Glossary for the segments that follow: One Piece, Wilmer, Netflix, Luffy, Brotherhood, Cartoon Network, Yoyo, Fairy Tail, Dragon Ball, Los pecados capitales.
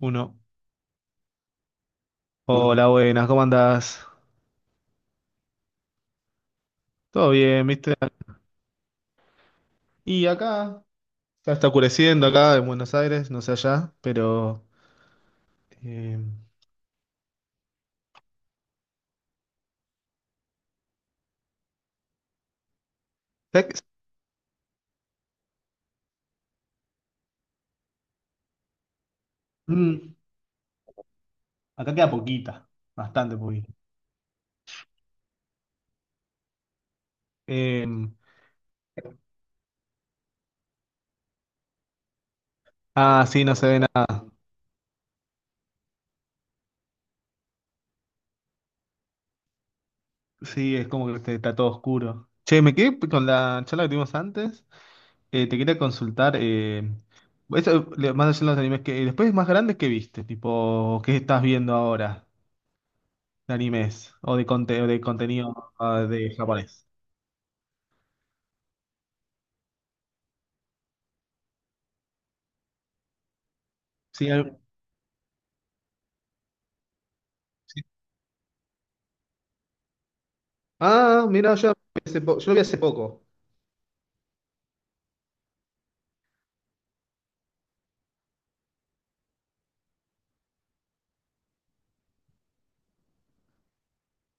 Uno. Hola, buenas, ¿cómo andás? Todo bien, ¿viste? Y acá, ya está oscureciendo acá en Buenos Aires, no sé allá, pero... eh, ¿sabés qué? Mm, acá queda poquita, bastante poquita. Eh, ah, sí, no se ve nada. Sí, es como que este, está todo oscuro. Che, me quedé con la charla que tuvimos antes. Te quería consultar, eso, más allá de los animes, que, después más grandes que viste, tipo, ¿qué estás viendo ahora? De animes o de, o de contenido de japonés. Sí, al- sí. Ah, mira, yo lo vi hace poco.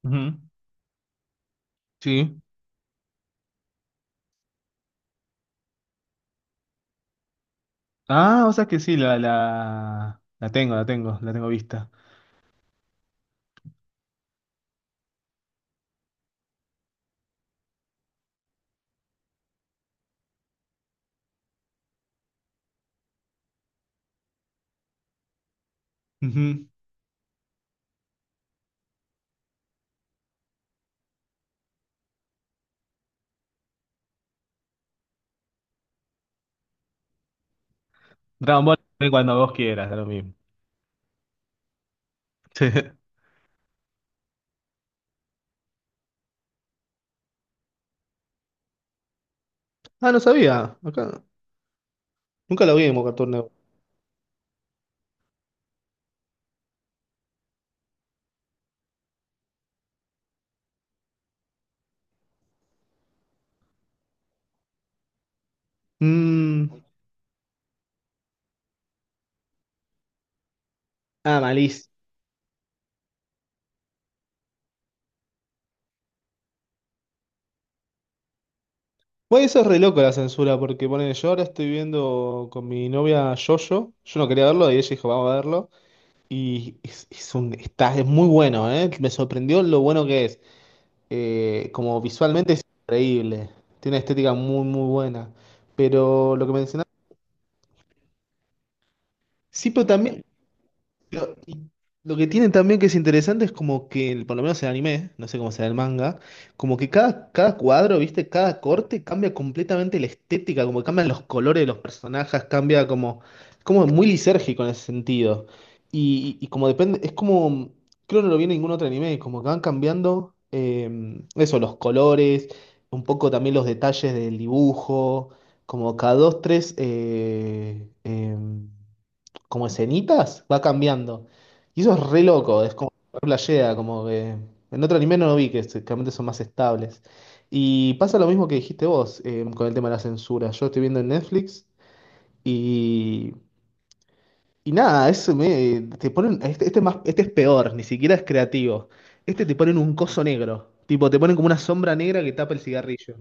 Ujú. Sí. Ah, o sea que sí, la tengo, la tengo vista. Ujú. Dragon Ball, ve cuando vos quieras, da lo mismo. Ah, no sabía. Acá. Nunca lo vi en Cartoon Network. Mm, ah, malís. Bueno, eso es re loco la censura, porque pone, yo ahora estoy viendo con mi novia Yoyo. Yo no quería verlo y ella dijo, vamos a verlo. Y es un, está, es muy bueno, ¿eh? Me sorprendió lo bueno que es. Como visualmente es increíble. Tiene una estética muy, muy buena. Pero lo que mencionaba. Sí, pero también. Y lo que tienen también que es interesante es como que, por lo menos el anime, no sé cómo será el manga, como que cada cuadro, ¿viste? Cada corte cambia completamente la estética, como que cambian los colores de los personajes, cambia como, es como muy lisérgico en ese sentido. Y como depende, es como, creo que no lo vi en ningún otro anime, como que van cambiando eso, los colores, un poco también los detalles del dibujo, como cada dos, tres, como escenitas, va cambiando. Y eso es re loco, es como re playera, como que en otro anime no lo vi, que realmente son más estables. Y pasa lo mismo que dijiste vos con el tema de la censura. Yo estoy viendo en Netflix y, y nada, eso me, te ponen, este es más, este es peor, ni siquiera es creativo. Este te ponen un coso negro, tipo te ponen como una sombra negra que tapa el cigarrillo.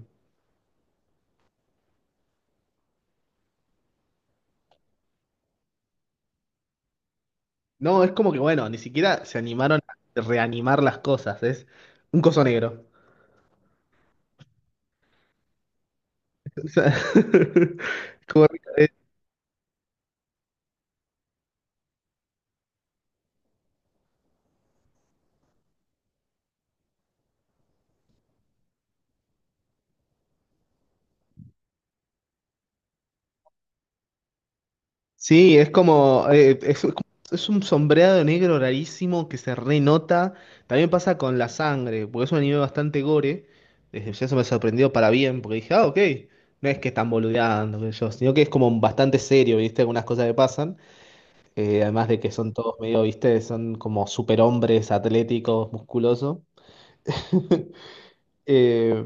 No, es como que bueno, ni siquiera se animaron a reanimar las cosas, es un coso negro. O sea, como- eh, sí, es un sombreado negro rarísimo que se renota. También pasa con la sangre, porque es un anime bastante gore. Desde ya eso me sorprendió para bien, porque dije, ah, ok, no es que están boludeando, qué sé yo, sino que es como bastante serio, ¿viste? Algunas cosas que pasan. Además de que son todos medio, ¿viste? Son como superhombres atléticos, musculosos. Eh,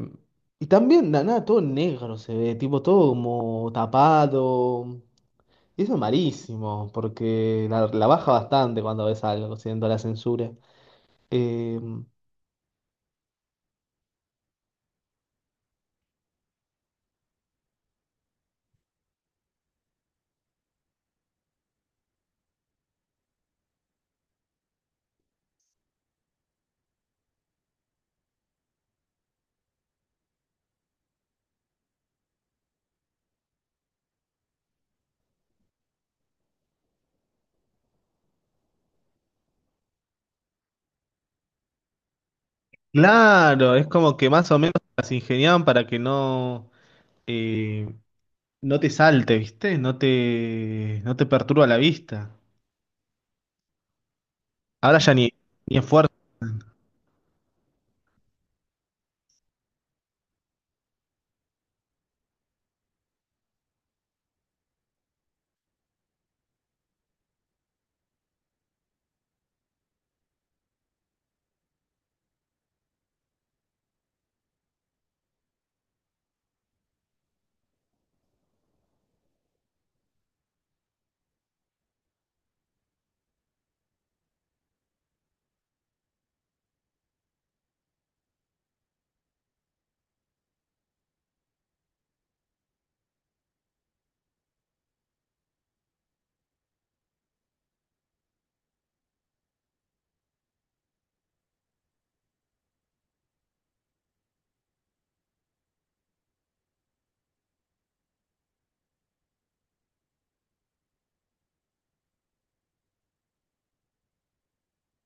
y también, nada, todo negro se ve, tipo todo como tapado. Y eso es malísimo, porque la baja bastante cuando ves algo, siendo la censura. Eh, Claro, es como que más o menos las ingeniaban para que no, eh, no te salte, ¿viste? No te perturba la vista. Ahora ya ni, ni esfuerzo.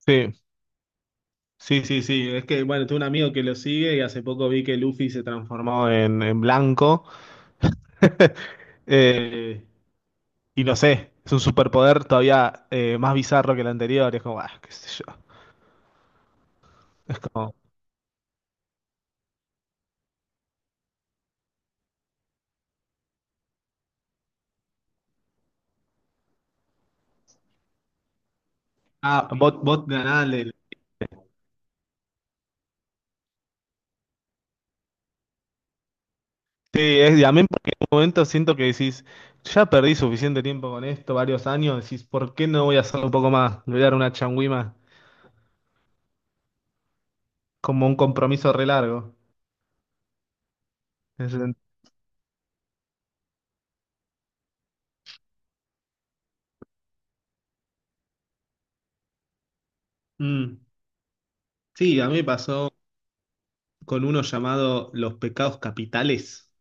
Sí, sí, sí. Es que, bueno, tengo un amigo que lo sigue y hace poco vi que Luffy se transformó en blanco. eh, y no sé, es un superpoder todavía más bizarro que el anterior. Es como, ah, qué sé yo. Ah, vos ganás. Sí, es, y a mí porque en un momento siento que decís, ya perdí suficiente tiempo con esto, varios años, decís, ¿por qué no voy a hacerlo un poco más? Le voy a dar una changüima, como un compromiso re largo. En ese sentido. Mm. Sí, a mí me pasó con uno llamado Los pecados capitales.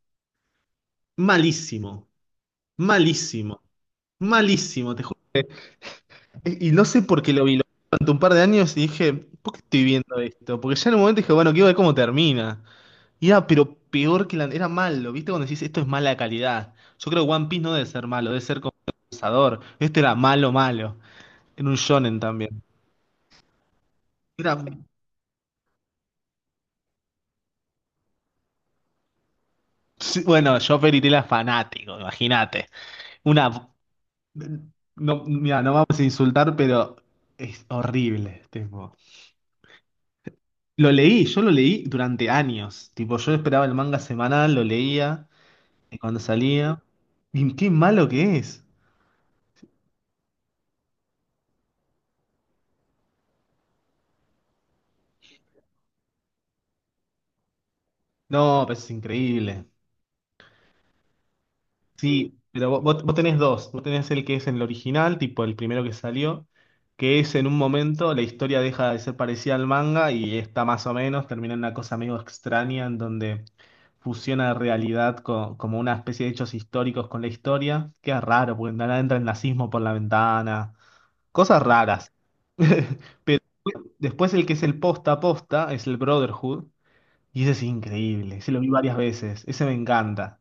Malísimo, malísimo, malísimo, te juro. Y no sé por qué lo vi durante un par de años y dije, ¿por qué estoy viendo esto? Porque ya en un momento dije, bueno, quiero ver cómo termina. Y era, pero peor que la... Era malo, ¿viste? Cuando decís, esto es mala calidad. Yo creo que One Piece no debe ser malo, debe ser compensador. Este era malo, malo. Era un shonen también. Era... Sí, bueno, yo Fairy Tail era fanático, imagínate. Una... No, mira, no vamos a insultar, pero es horrible, tipo. Lo leí, yo lo leí durante años. Tipo, yo esperaba el manga semanal, lo leía cuando salía. Y qué malo que es. No, pero es increíble. Sí, pero vos tenés dos. Vos tenés el que es en el original, tipo el primero que salió, que es en un momento la historia deja de ser parecida al manga y está más o menos, termina en una cosa medio extraña en donde fusiona realidad como una especie de hechos históricos con la historia. Queda raro, porque nada entra el nazismo por la ventana. Cosas raras. Pero después el que es el posta a posta es el Brotherhood, y ese es increíble. Ese lo vi varias veces. Ese me encanta.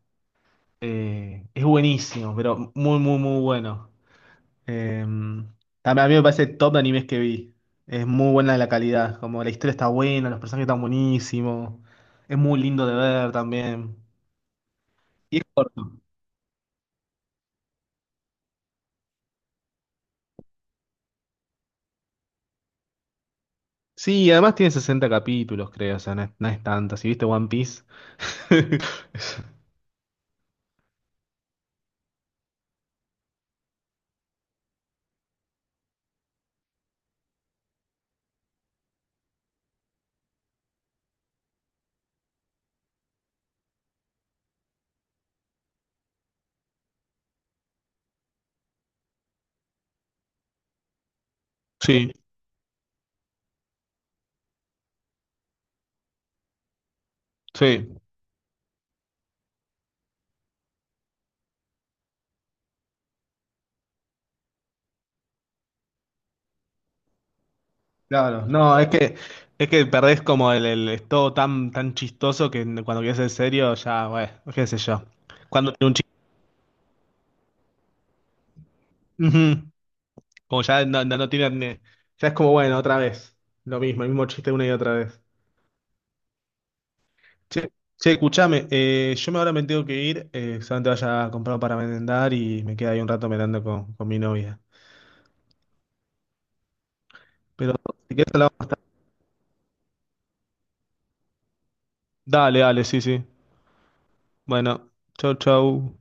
Es buenísimo, pero muy, muy, muy bueno. Eh, también a mí me parece top de animes que vi. Es muy buena la calidad, como la historia está buena, los personajes están buenísimos. Es muy lindo de ver también. Y sí, además tiene 60 capítulos, creo, o sea, no es, no es tanto. Si viste One Piece. Sí, sí. Claro, no, es que perdés como es todo tan tan chistoso que cuando quieres ser serio ya, bueno, qué sé yo. Cuando tiene un chiste. Como ya no tiran, ya es como, bueno, otra vez. Lo mismo, el mismo chiste una y otra vez. Che, che, escuchame, yo me ahora me tengo que ir, solamente vaya a comprar para merendar y me queda ahí un rato merendando con mi novia. Pero si quieres hablamos más tarde. Dale, dale, sí, sí. Bueno, chau, chau.